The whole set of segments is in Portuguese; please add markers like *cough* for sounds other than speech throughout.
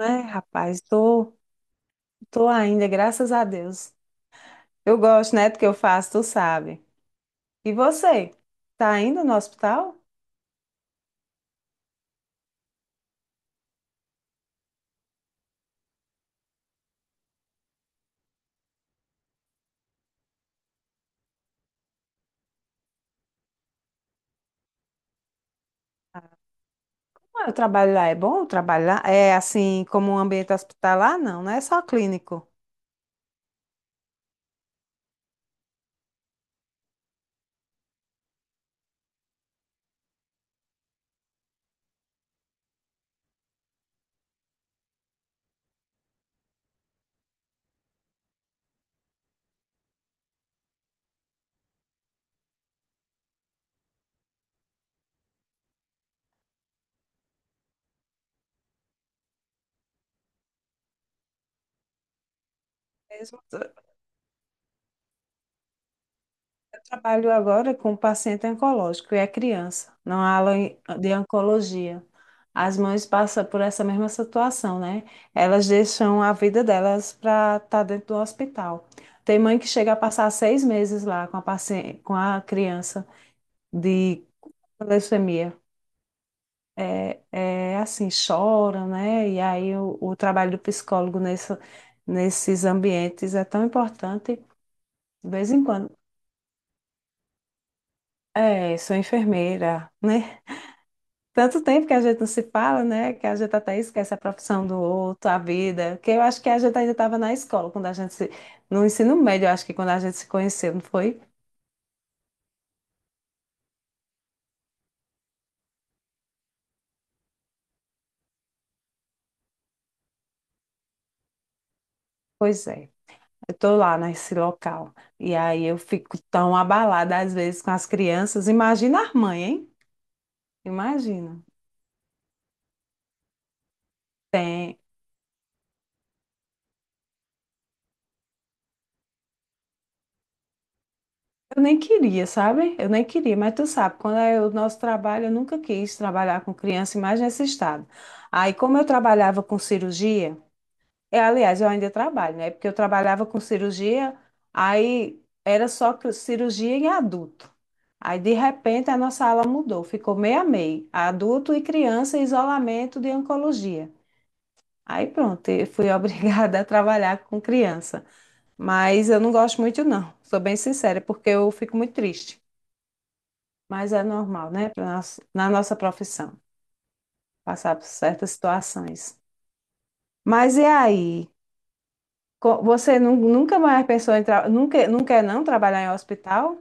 É, rapaz, tô, tô ainda, graças a Deus. Eu gosto, né, do que eu faço, tu sabe. E você? Tá indo no hospital? Ah, o trabalho lá é bom? O trabalho lá é assim, como um ambiente hospitalar? Não, não é só clínico. Mesmo. Trabalho agora com paciente oncológico e é criança, na ala de oncologia. As mães passam por essa mesma situação, né? Elas deixam a vida delas para estar dentro do hospital. Tem mãe que chega a passar 6 meses lá com a paciente, com a criança de leucemia. É, é assim, choram, né? E aí o trabalho do psicólogo nesses ambientes é tão importante. De vez em quando. É, sou enfermeira, né? Tanto tempo que a gente não se fala, né? Que a gente até esquece a profissão do outro, a vida. Que eu acho que a gente ainda estava na escola, quando a gente se... no ensino médio, eu acho que quando a gente se conheceu, não foi? Pois é. Eu estou lá nesse local. E aí eu fico tão abalada às vezes com as crianças. Imagina as mães, hein? Imagina. Tem. Eu nem queria, sabe? Eu nem queria, mas tu sabe, quando é o nosso trabalho, eu nunca quis trabalhar com criança, mais nesse estado. Aí, como eu trabalhava com cirurgia, é, aliás, eu ainda trabalho, né? Porque eu trabalhava com cirurgia, aí era só cirurgia em adulto. Aí, de repente, a nossa ala mudou, ficou meio a meio, adulto e criança em isolamento de oncologia. Aí, pronto, eu fui *laughs* obrigada a trabalhar com criança. Mas eu não gosto muito, não, sou bem sincera, porque eu fico muito triste. Mas é normal, né? Na nossa profissão, passar por certas situações. Mas e aí? Você nunca mais pensou em nunca, não quer não trabalhar em hospital?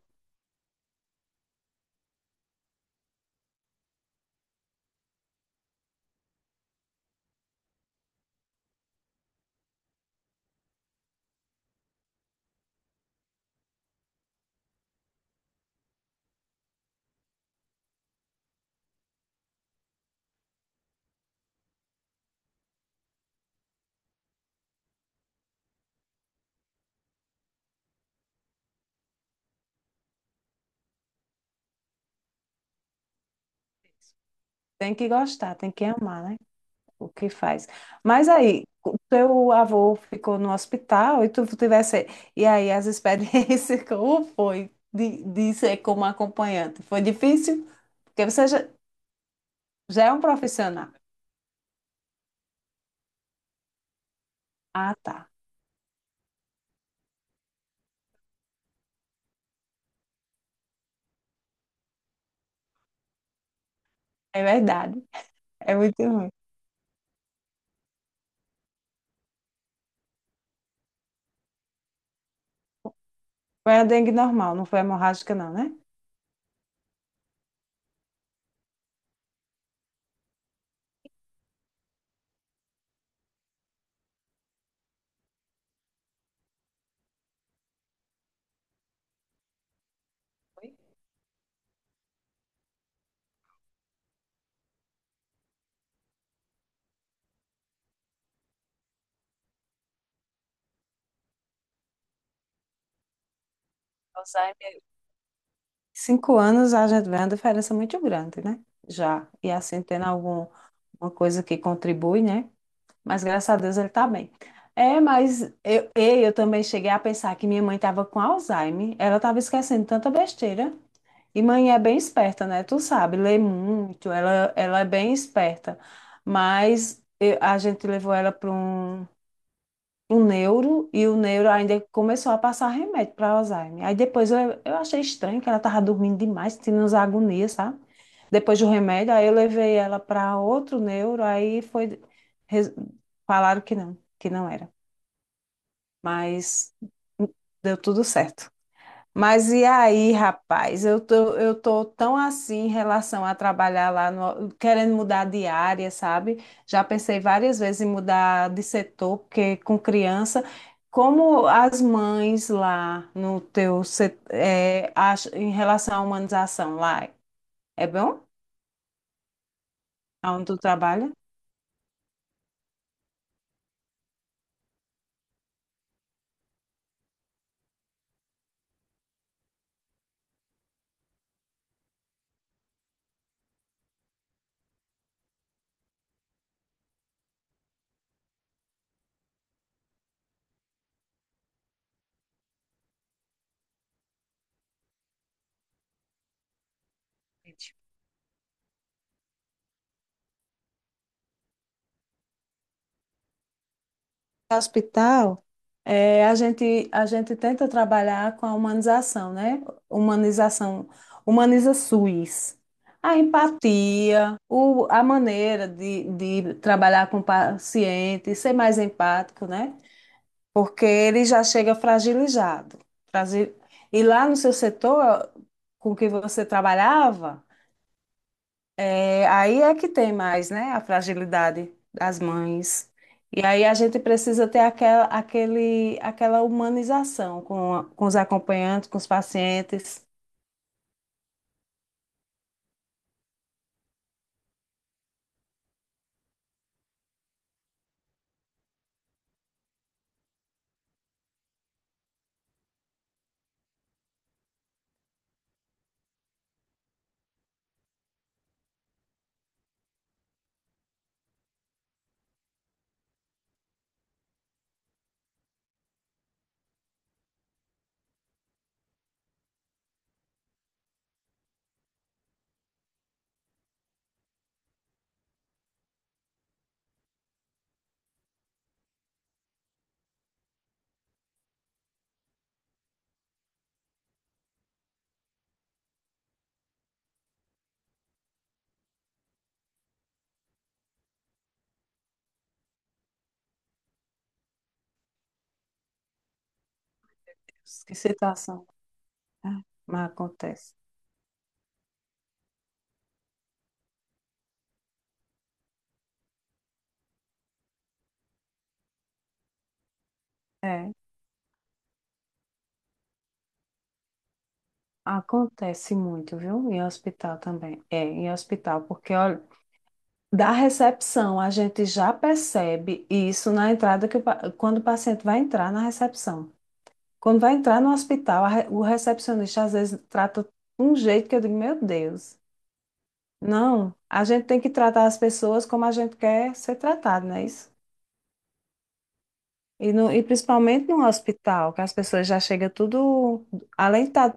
Tem que gostar, tem que amar, né? O que faz. Mas aí, o teu avô ficou no hospital e tu tivesse. E aí, as experiências, *laughs* como foi de ser como acompanhante? Foi difícil? Porque você já, já é um profissional. Ah, tá. É verdade. É muito ruim. Foi a dengue normal, não foi hemorrágica, não, né? Foi. Alzheimer, 5 anos a gente vê uma diferença muito grande, né? Já. E assim, tendo alguma coisa que contribui, né? Mas graças a Deus ele tá bem. É, mas eu também cheguei a pensar que minha mãe estava com Alzheimer. Ela estava esquecendo tanta besteira. E mãe é bem esperta, né? Tu sabe, lê muito, ela é bem esperta. Mas a gente levou ela para o neuro e o neuro ainda começou a passar remédio para Alzheimer. Aí depois eu achei estranho que ela tava dormindo demais, tendo umas agonias, sabe? Depois do remédio, aí eu levei ela para outro neuro, aí foi res- falaram que não era. Mas deu tudo certo. Mas e aí, rapaz? Eu tô tão assim em relação a trabalhar lá, querendo mudar de área, sabe? Já pensei várias vezes em mudar de setor, porque com criança, como as mães lá no teu setor, em relação à humanização lá, é bom? Aonde tu trabalha? Hospital, eh, a gente tenta trabalhar com a humanização, né? Humanização, humaniza SUS. A empatia, a maneira de trabalhar com o paciente, ser mais empático, né? Porque ele já chega fragilizado. Frasi- E lá no seu setor com que você trabalhava, é, aí é que tem mais, né? A fragilidade das mães. E aí a gente precisa ter aquela humanização com, com os acompanhantes, com os pacientes. Que situação. É, mas acontece. É, acontece muito, viu? Em hospital também. É, em hospital, porque olha, da recepção a gente já percebe isso na entrada que o quando o paciente vai entrar na recepção. Quando vai entrar no hospital, a o recepcionista às vezes trata um jeito que eu digo, meu Deus. Não, a gente tem que tratar as pessoas como a gente quer ser tratado, não é isso? E principalmente no hospital, que as pessoas já chegam tudo, além de estar,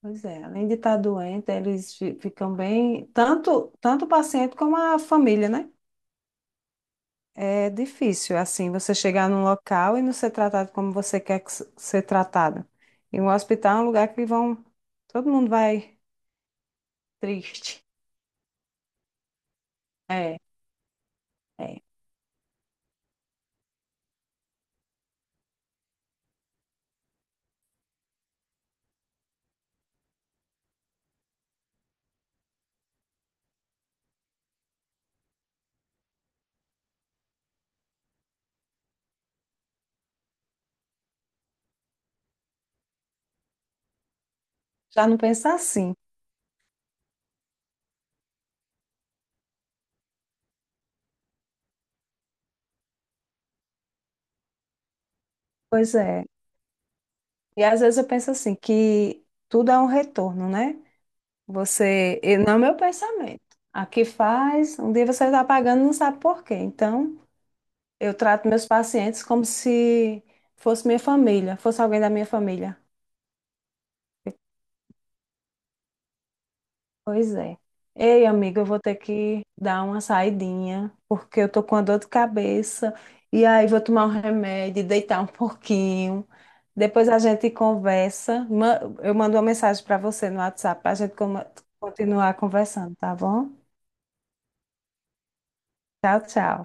pois é, além de estar doente, eles ficam bem, tanto, tanto o paciente como a família, né? É difícil, assim, você chegar num local e não ser tratado como você quer que ser tratado. E o hospital é um lugar que vão, todo mundo vai triste. É, é. Já não pensa assim. Pois é. E às vezes eu penso assim, que tudo é um retorno, né? Você. E não é meu pensamento. Aqui faz, um dia você está pagando, e não sabe por quê. Então, eu trato meus pacientes como se fosse minha família, fosse alguém da minha família. Pois é. Ei, amiga, eu vou ter que dar uma saidinha, porque eu tô com a dor de cabeça. E aí vou tomar um remédio, deitar um *laughs* pouquinho. Depois a gente conversa. Eu mando uma mensagem para você no WhatsApp para a gente continuar conversando, tá bom? Tchau, tchau.